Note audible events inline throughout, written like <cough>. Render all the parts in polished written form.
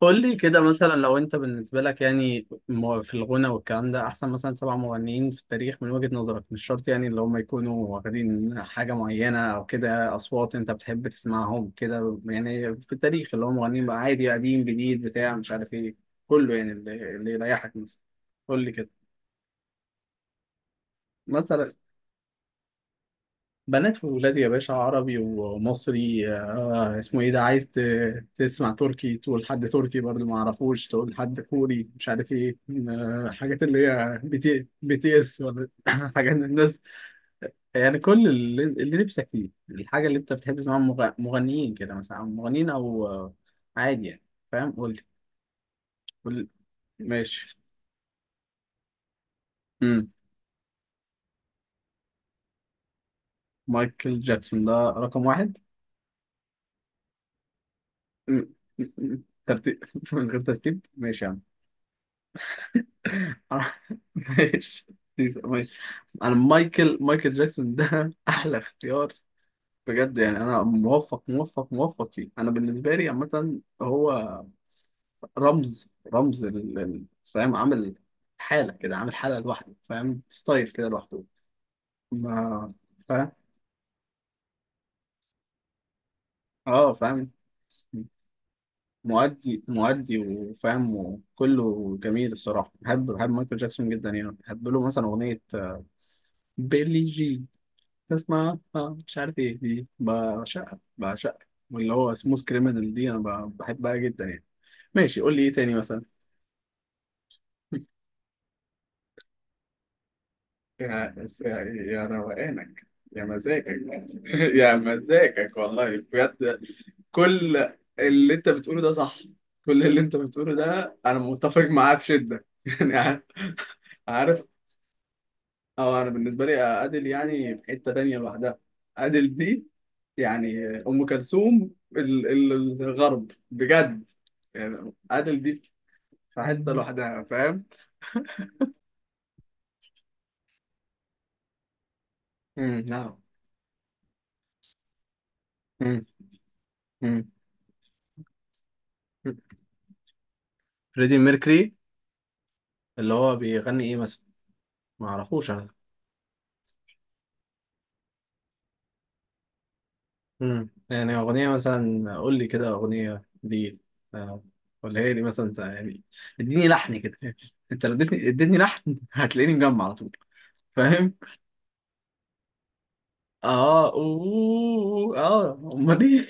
قول لي كده مثلا لو انت بالنسبة لك يعني في الغنى والكلام ده، احسن مثلا سبع مغنيين في التاريخ من وجهة نظرك، مش شرط يعني اللي هم يكونوا واخدين حاجة معينة او كده، اصوات انت بتحب تسمعهم كده يعني في التاريخ اللي هم مغنيين بقى، عادي قديم جديد بتاع مش عارف ايه، كله يعني اللي يريحك مثلا. قول لي كده مثلا. بنات وولاد يا باشا، عربي ومصري. آه اسمه ايه ده، عايز تسمع تركي، تقول حد تركي برضه ما اعرفوش، تقول حد كوري مش عارف ايه. آه حاجات اللي هي بي تي بي تي اس ولا <coughs> <laughs> حاجات الناس. يعني كل اللي نفسك فيه، الحاجة اللي انت بتحب تسمعها مغنيين كده مثلا، مغنيين او عادي يعني. فاهم؟ قول لي. قول لي. ماشي. مم. مايكل جاكسون ده رقم واحد؟ مم. مم. مم. ترتيب <laughs> من غير ترتيب ماشي يا عم. أنا- <laughs> ماشي. ماشي انا مايكل جاكسون ده <laughs> احلى اختيار بجد يعني. انا موفق موفق موفق فيه. انا بالنسبه لي عامه هو رمز رمز فاهم، عامل حاله كده، عامل حاله لوحده فاهم. ستايل كده لوحده. ما فاهم. اه فاهم. مؤدي مؤدي وفاهم، وكله جميل الصراحه. بحب بحب مايكل جاكسون جدا يعني. بحب له مثلا اغنيه بيلي جين، اسمها اه مش عارف ايه دي، بعشقها بعشقها، واللي هو سموث كريمنال دي انا بحبها جدا يعني. ماشي قول لي ايه تاني مثلا. <laughs> يا يا يا روقانك، يا مزاجك <laughs> يا مزاجك والله بجد. كل اللي انت بتقوله ده صح، كل اللي انت بتقوله ده انا متفق معاه بشدة <laughs> يعني. عارف. اه، انا بالنسبه لي ادل يعني في حته تانية لوحدها. ادل دي يعني ام كلثوم ال- ال- الغرب بجد يعني. ادل دي في حته لوحدها فاهم. امم. لا. امم. امم. فريدي ميركوري اللي هو بيغني ايه مثلا؟ ما اعرفوش انا. امم، يعني اغنيه مثلا، قول لي كده اغنيه دي، آه، ولا هي دي مثلا يعني. اديني لحن كده <laughs> انت لو اديتني لحن هتلاقيني مجمع على طول فاهم. اه اوه اه امال ايه.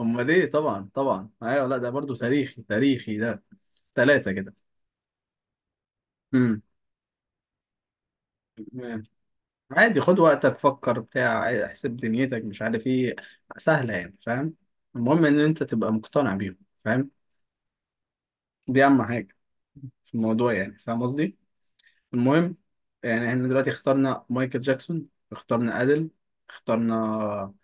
امال ايه، طبعا طبعا ايوه، لا ده برضو تاريخي تاريخي ده. ثلاثة كده. امم. تمام. عادي خد وقتك، فكر بتاع احسب دنيتك مش عارف ايه. سهلة يعني فاهم. المهم ان انت تبقى مقتنع بيهم فاهم. دي اهم حاجة في الموضوع يعني فاهم قصدي. المهم يعني احنا دلوقتي اخترنا مايكل جاكسون، اخترنا ادل، اخترنا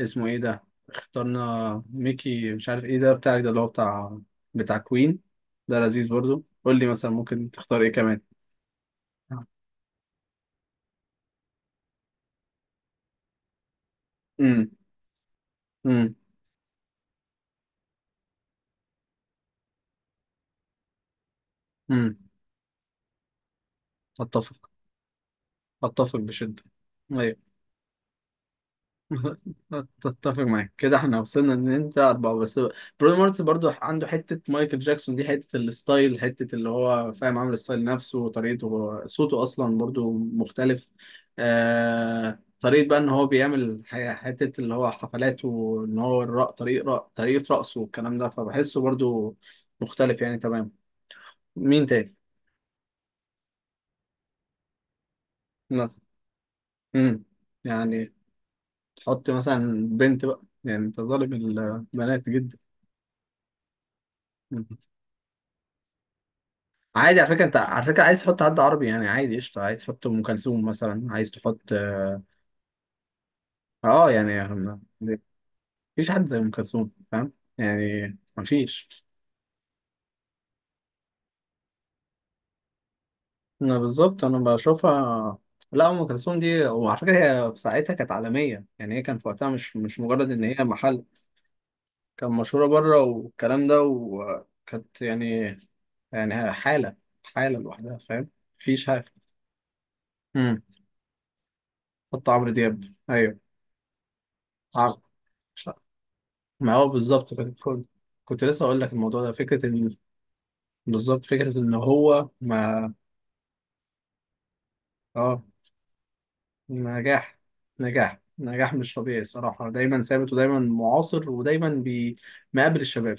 اسمه ايه ده، اخترنا ميكي مش عارف ايه ده بتاعك، ده اللي هو بتاع كوين. ده لذيذ برضو. قول لي مثلا ممكن تختار ايه كمان. امم. امم. امم. اتفق. اتفق بشدة. ايوه. تتفق معاك كده، احنا وصلنا ان انت اربعه بس. برونو مارس برضو عنده حته مايكل جاكسون دي، حته الستايل، حته اللي هو فاهم، عامل الستايل نفسه وطريقته، هو صوته اصلا برضو مختلف. طريقه بقى ان هو بيعمل حته اللي هو حفلات، وان هو طريقه رقصه والكلام ده، فبحسه برضو مختلف يعني تمام. مين تاني مثلا؟ امم. يعني تحط مثلا بنت بقى، يعني انت ظالم البنات جدا. عادي على فكره. انت على فكره عايز تحط حد عربي، يعني عادي قشطه، عايز تحط ام كلثوم مثلا، عايز تحط اه. يعني مفيش حد زي ام كلثوم فاهم. يعني مفيش. انا بالظبط انا بشوفها. لا ام كلثوم دي وعلى فكره، هي في ساعتها كانت عالميه. يعني هي كان في وقتها، مش مجرد ان هي محل. كان مشهوره بره والكلام ده، وكانت يعني، يعني حاله حاله لوحدها فاهم. مفيش حاجه. امم. حط عمرو دياب ايوه. عمرو. ما هو بالظبط كده. كنت لسه اقول لك. الموضوع ده فكره ان، بالظبط فكره ان هو ما اه. نجاح نجاح نجاح مش طبيعي الصراحه. دايما ثابت ودايما معاصر ودايما مقابل الشباب.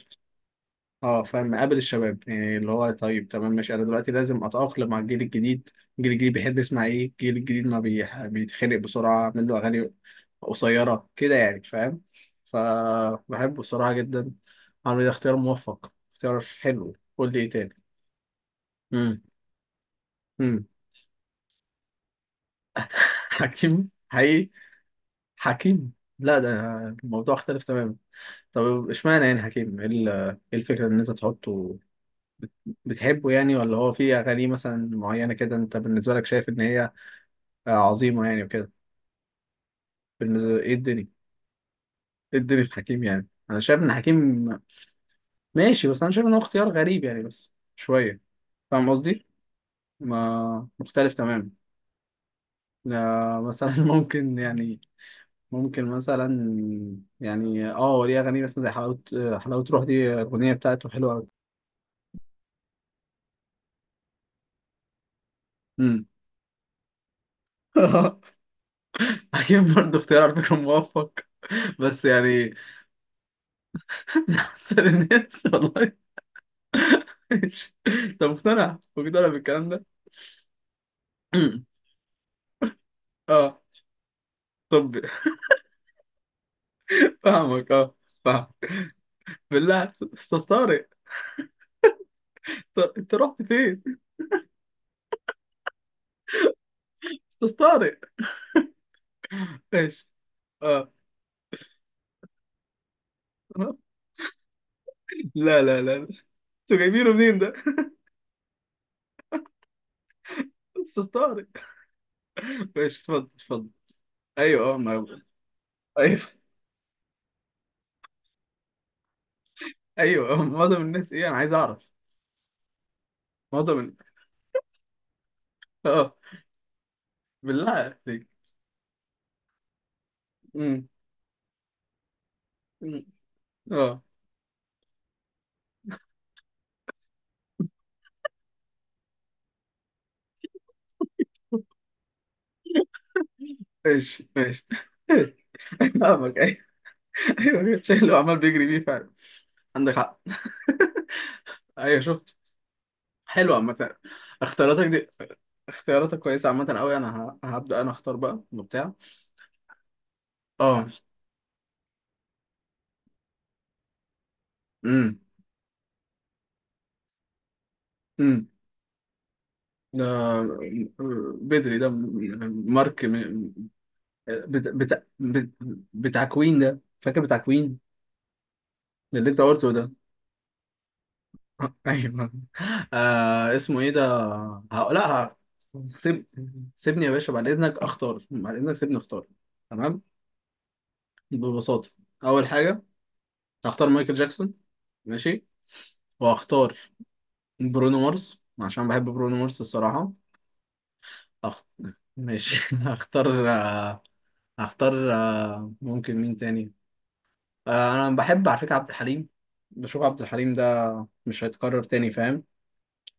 اه فاهم، مقابل الشباب يعني، اللي هو طيب تمام ماشي انا دلوقتي لازم اتاقلم مع الجيل الجديد. الجيل الجديد بيحب يسمع ايه؟ الجيل الجديد ما بيتخنق بسرعه، اعمل له اغاني قصيره كده يعني فاهم. فبحبه الصراحه جدا. عامل اختيار موفق، اختيار حلو. قول لي ايه تاني. امم. امم. <laughs> حكيم حقيقي؟ حكيم، لا ده الموضوع اختلف تماما. طب اشمعنى يعني حكيم؟ ايه إيه الفكرة ان انت تحطه، بت- بتحبه يعني، ولا هو في اغاني مثلا معينة كده انت بالنسبة لك شايف ان هي عظيمة يعني وكده. بالنسبة ايه الدنيا؟ ايه الدنيا في حكيم؟ يعني انا شايف ان حكيم ماشي، بس انا شايف ان هو اختيار غريب يعني بس شوية فاهم قصدي. ما مختلف تماما. مثلا <laughs> ممكن يعني، ممكن مثلا، يعني اه ليه اغاني مثلا زي حلاوه، حلاوه روح دي الاغنيه بتاعته حلوه قوي. امم. <laughs> اكيد برضه اختيار على فكره موفق بس يعني <laughs> من احسن الناس والله. ماشي. انت مقتنع مقتنع بالكلام ده؟ <clears throat> اه. طب فاهمك. اه فاهم. بالله استاذ طارق. انت رحت فين؟ استاذ طارق، ماشي اه. <laughs> لا لا لا، انتوا جايبينه منين ده. <laughs> استاذ طارق، ماشي اتفضل اتفضل. ايوه اه ما ايوه. ايوه <laughs> معظم الناس ايه انا عايز اعرف؟ معظم اه بالله عليك. امم. أمم. اه ماشي ماشي. <laughs> فاهمك ايوه. ايوه الشيء اللي هو عمال بيجري بيه فعلا. عندك حق. ايوه شفت، حلو عامة اختياراتك دي. اختياراتك كويسة عامة قوي، انا هبدأ انا اختار بقى وبتاع. اه. امم. امم. ده بدري ده. مارك بت... بت... بت... بتاع كوين ده، فاكر بتاع كوين اللي انت قلته ده. <laughs> ايوه. آه اسمه ايه ده. لا سيب سيبني يا باشا بعد اذنك اختار، بعد اذنك سيبني اختار. تمام ببساطه. اول حاجه هختار مايكل جاكسون، ماشي. وهختار برونو مارس عشان بحب برونو مارس الصراحه. أخ... ماشي. <laughs> هختار آه، ممكن مين تاني. انا بحب على فكره عبد الحليم. بشوف عبد الحليم ده مش هيتكرر تاني فاهم.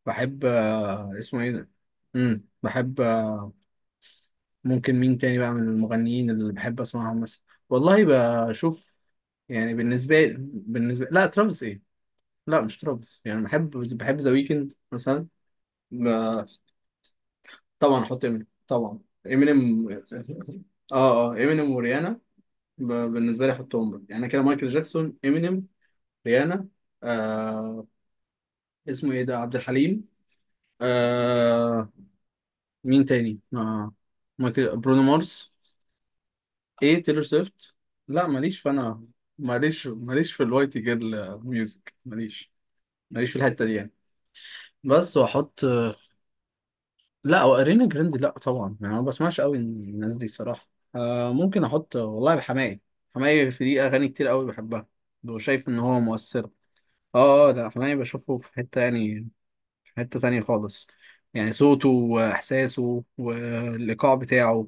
بحب اسمه ايه ده. امم، بحب ممكن مين تاني بقى من المغنيين اللي بحب اسمعهم مثلا. والله بشوف. يعني بالنسبه لا ترافيس ايه. لا مش ترافيس، يعني بحب بحب ذا ويكند مثلا. ب- طبعا احط امينيم طبعا. امينيم اه اه. امينيم وريانا. ب- بالنسبه لي احطهم بقى. يعني كده مايكل جاكسون، امينيم، ريانا، آه اسمه ايه ده عبد الحليم، آه مين تاني آه، مايكل، برونو مارس. ايه تيلور سويفت. لا ماليش فانا. ماليش ماليش في الوايت جيرل ميوزك. ماليش ماليش في الحته دي يعني. بس واحط. لا وارينا جراندي لا طبعا. يعني أنا ما بسمعش قوي الناس دي الصراحه. آه ممكن احط والله حماقي. حماقي في دي اغاني كتير قوي بحبها، وشايف ان هو مؤثر. اه اه لا، حماقي بشوفه في حته يعني، في حته تانية خالص. يعني صوته واحساسه والايقاع بتاعه،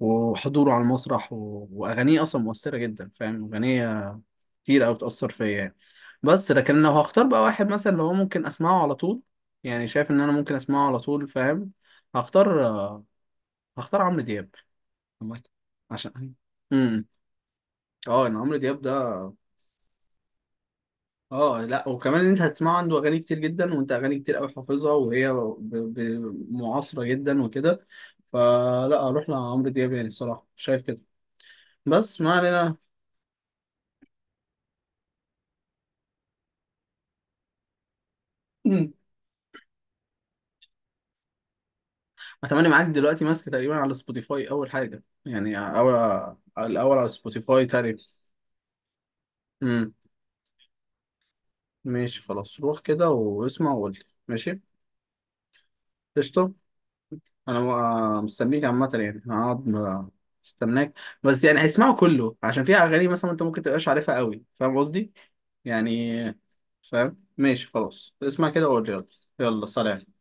وحضوره على المسرح، واغانيه اصلا مؤثره جدا فاهم. اغنيه كتير او تاثر فيا يعني. بس لكن لو هختار بقى واحد مثلا اللي هو ممكن اسمعه على طول، يعني شايف ان انا ممكن اسمعه على طول فاهم، هختار هختار عمرو دياب عامة. عشان امم اه ان عمرو دياب ده، اه لا، وكمان إن انت هتسمعه عنده اغاني كتير جدا، وانت اغاني كتير قوي حافظها، وهي معاصره جدا وكده، فلا اروح لعمرو دياب يعني الصراحه شايف كده. بس ما علينا. اتمنى معاك دلوقتي ماسك تقريبا على سبوتيفاي اول حاجه يعني اول. الاول على سبوتيفاي تقريبا. امم. ماشي خلاص روح كده واسمع وقول لي. ماشي قشطه. انا مستنيك عامه يعني هقعد مستناك. بس يعني هيسمعوا كله عشان فيها اغاني مثلا انت ممكن تبقاش عارفها قوي فاهم قصدي. يعني فاهم. ماشي خلاص اسمع كده وقول لي. يلا. يلا سلام.